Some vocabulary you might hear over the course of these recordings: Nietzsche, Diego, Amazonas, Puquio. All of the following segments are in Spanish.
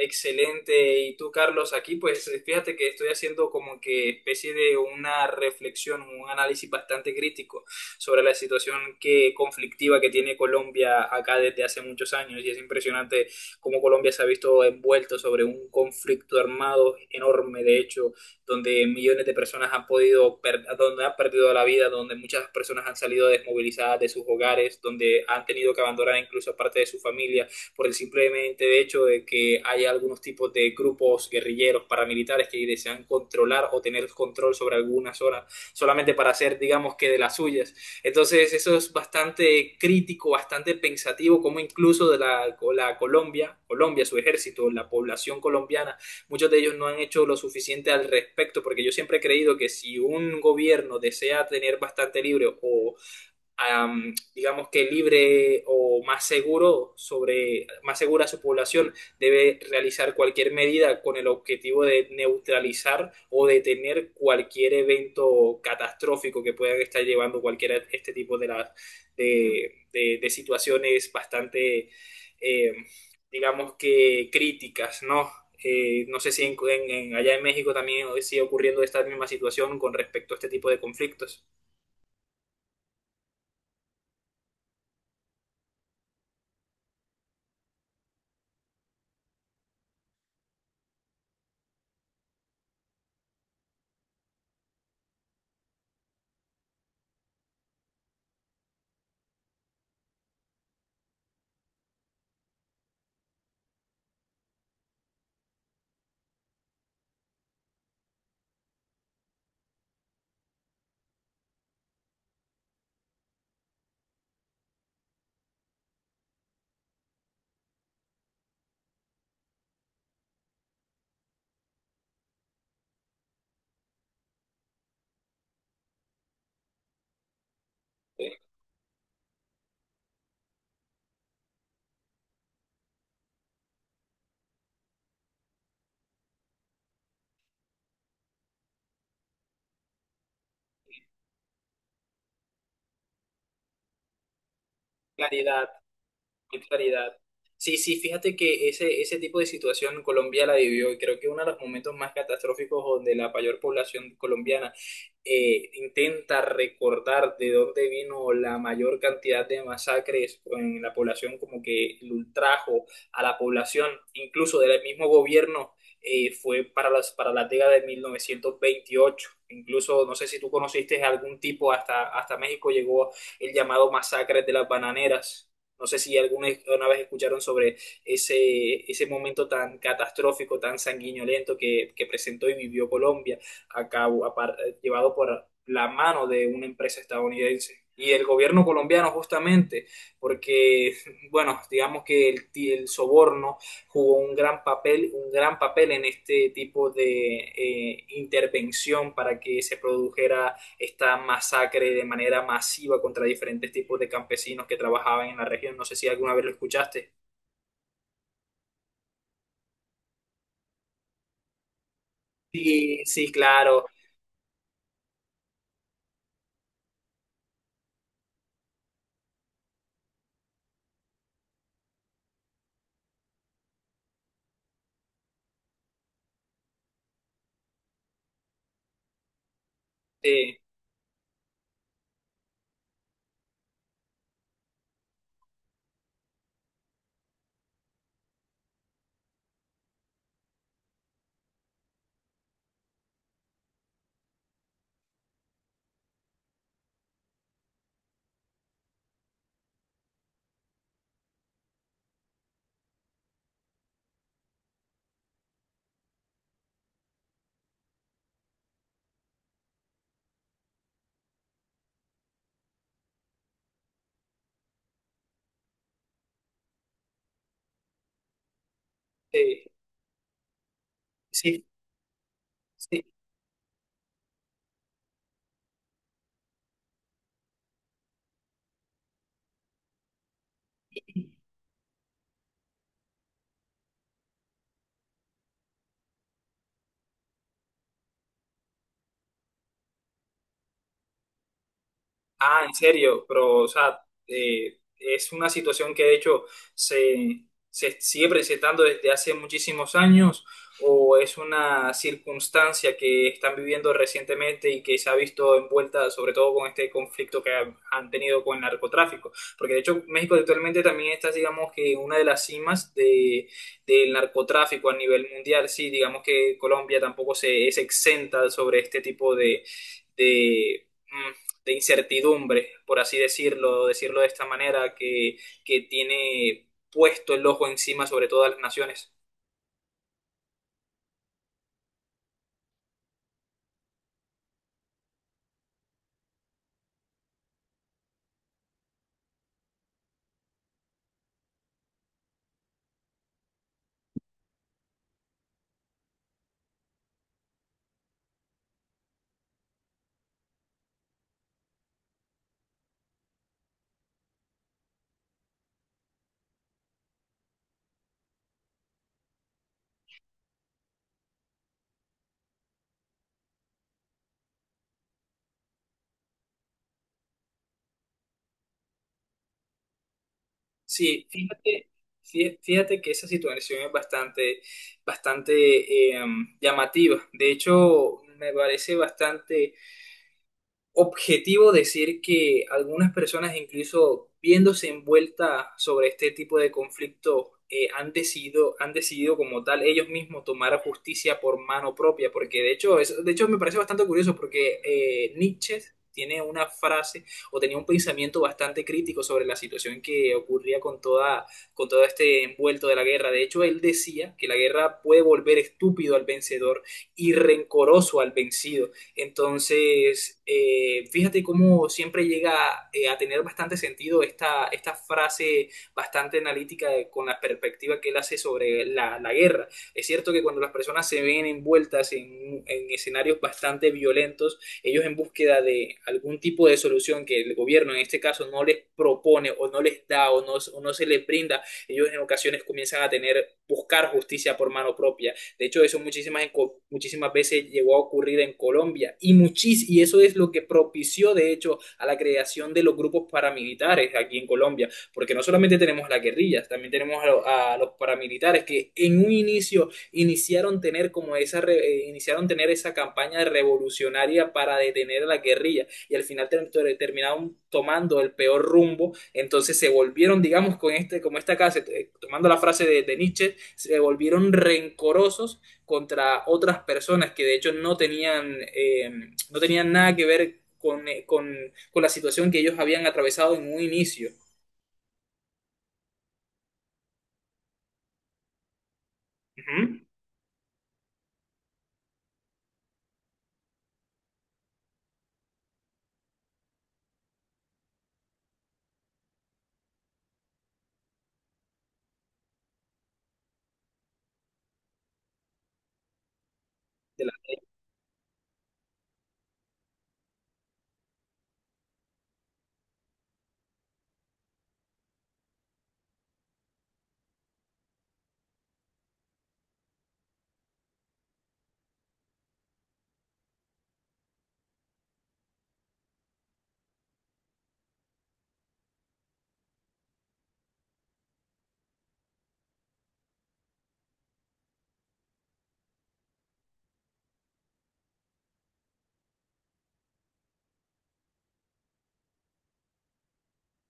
Excelente. Y tú, Carlos, aquí pues fíjate que estoy haciendo como que especie de una reflexión, un análisis bastante crítico sobre la situación que conflictiva que tiene Colombia acá desde hace muchos años. Y es impresionante cómo Colombia se ha visto envuelto sobre un conflicto armado enorme, de hecho, donde millones de personas han podido, donde han perdido la vida, donde muchas personas han salido desmovilizadas de sus hogares, donde han tenido que abandonar incluso parte de su familia por el simplemente hecho de que hay algunos tipos de grupos guerrilleros paramilitares que desean controlar o tener control sobre alguna zona solamente para hacer, digamos que de las suyas. Entonces eso es bastante crítico, bastante pensativo, como incluso de la Colombia, su ejército, la población colombiana, muchos de ellos no han hecho lo suficiente al respecto, porque yo siempre he creído que si un gobierno desea tener bastante libre o digamos que libre o más seguro sobre, más segura su población, debe realizar cualquier medida con el objetivo de neutralizar o detener cualquier evento catastrófico que puedan estar llevando cualquiera de este tipo de, las de situaciones bastante, eh, digamos que críticas, ¿no? No sé si allá en México también sigue ocurriendo esta misma situación con respecto a este tipo de conflictos. Eh, Claridad. Qué claridad. Sí, sí, fíjate que ese tipo de situación Colombia la vivió y creo que uno de los momentos más catastróficos donde la mayor población colombiana intenta recordar de dónde vino la mayor cantidad de masacres en la población, como que el ultrajo a la población, incluso del mismo gobierno, fue para para la década de 1928. Incluso, no sé si tú conociste algún tipo, hasta México llegó el llamado masacre de las bananeras. No sé si alguna una vez escucharon sobre ese momento tan catastrófico, tan sanguinolento que presentó y vivió Colombia, a cabo, a par- llevado por la mano de una empresa estadounidense. Y el gobierno colombiano justamente, porque, bueno, digamos que el soborno jugó un gran papel en este tipo de intervención para que se produjera esta masacre de manera masiva contra diferentes tipos de campesinos que trabajaban en la región. No sé si alguna vez lo escuchaste. Sí, sí, claro. Sí, sí, sí, sí. Ah, en serio, pero, o sea, es una situación que de hecho se, se sigue presentando desde hace muchísimos años o es una circunstancia que están viviendo recientemente y que se ha visto envuelta sobre todo con este conflicto que han tenido con el narcotráfico. Porque de hecho México actualmente también está, digamos que, en una de las cimas de, del narcotráfico a nivel mundial. Sí, digamos que Colombia tampoco es exenta sobre este tipo de, de incertidumbre, por así decirlo, decirlo de esta manera, que tiene puesto el ojo encima sobre todas las naciones. Sí, fíjate, fíjate que esa situación es bastante, bastante llamativa. De hecho, me parece bastante objetivo decir que algunas personas, incluso viéndose envueltas sobre este tipo de conflictos, han decidido como tal ellos mismos tomar justicia por mano propia, porque de hecho, de hecho me parece bastante curioso porque Nietzsche tiene una frase o tenía un pensamiento bastante crítico sobre la situación que ocurría con toda, con todo este envuelto de la guerra. De hecho, él decía que la guerra puede volver estúpido al vencedor y rencoroso al vencido. Entonces, fíjate cómo siempre llega a tener bastante sentido esta, esta frase bastante analítica con la perspectiva que él hace sobre la guerra. Es cierto que cuando las personas se ven envueltas en escenarios bastante violentos, ellos en búsqueda de algún tipo de solución que el gobierno en este caso no les propone o no les da o no se les brinda, ellos en ocasiones comienzan a tener, buscar justicia por mano propia de hecho, eso muchísimas, muchísimas veces llegó a ocurrir en Colombia y, y eso es lo que propició, de hecho, a la creación de los grupos paramilitares aquí en Colombia, porque no solamente tenemos las guerrillas, también tenemos a los paramilitares que en un inicio iniciaron tener como iniciaron tener esa campaña revolucionaria para detener a la guerrilla y al final terminaron tomando el peor rumbo, entonces se volvieron, digamos, con este, como esta casa, tomando la frase de Nietzsche, se volvieron rencorosos contra otras personas que de hecho no tenían, no tenían nada que ver con, con, la situación que ellos habían atravesado en un inicio. Uh -huh. De la,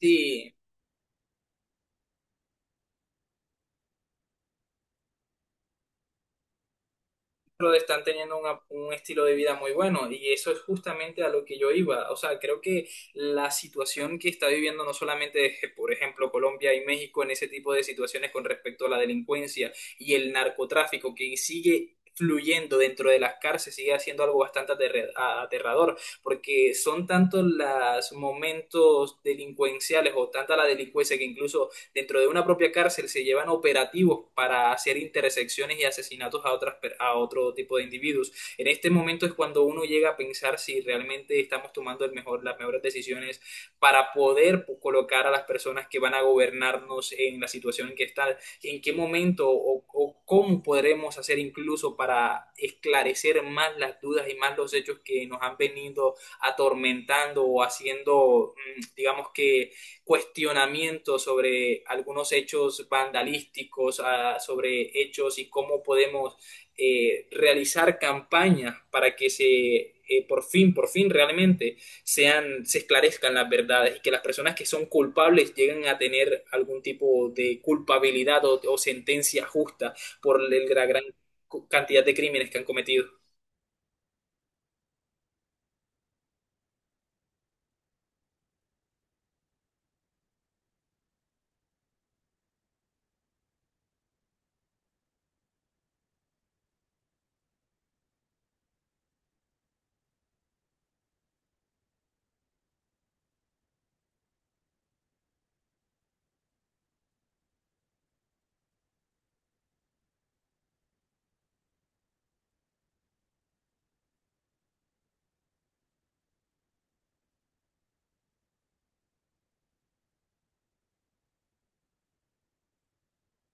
sí. Pero están teniendo un estilo de vida muy bueno y eso es justamente a lo que yo iba. O sea, creo que la situación que está viviendo no solamente, por ejemplo, Colombia y México en ese tipo de situaciones con respecto a la delincuencia y el narcotráfico que sigue fluyendo dentro de las cárceles sigue haciendo algo bastante aterrador, porque son tantos los momentos delincuenciales o tanta la delincuencia que incluso dentro de una propia cárcel se llevan operativos para hacer intersecciones y asesinatos a, otras, a otro tipo de individuos. En este momento es cuando uno llega a pensar si realmente estamos tomando las mejores decisiones para poder colocar a las personas que van a gobernarnos en la situación en que están, en qué momento o cómo podremos hacer incluso para esclarecer más las dudas y más los hechos que nos han venido atormentando o haciendo, digamos que cuestionamiento sobre algunos hechos vandalísticos, sobre hechos y cómo podemos realizar campañas para que se por fin realmente se esclarezcan las verdades y que las personas que son culpables lleguen a tener algún tipo de culpabilidad o sentencia justa por la gran cantidad de crímenes que han cometido.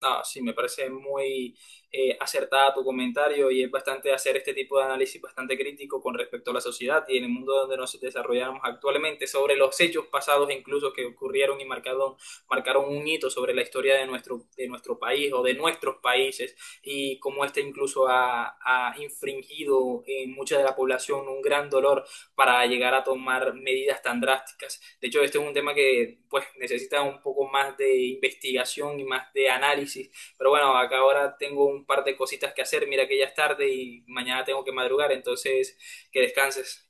No, sí, me parece muy acertada tu comentario y es bastante hacer este tipo de análisis bastante crítico con respecto a la sociedad y en el mundo donde nos desarrollamos actualmente, sobre los hechos pasados incluso que ocurrieron y marcaron, marcaron un hito sobre la historia de nuestro país o de nuestros países y cómo este incluso ha, ha infringido en mucha de la población un gran dolor para llegar a tomar medidas tan drásticas. De hecho, este es un tema que pues necesita un poco más de investigación y más de análisis. Pero bueno, acá ahora tengo un par de cositas que hacer. Mira que ya es tarde y mañana tengo que madrugar, entonces que descanses.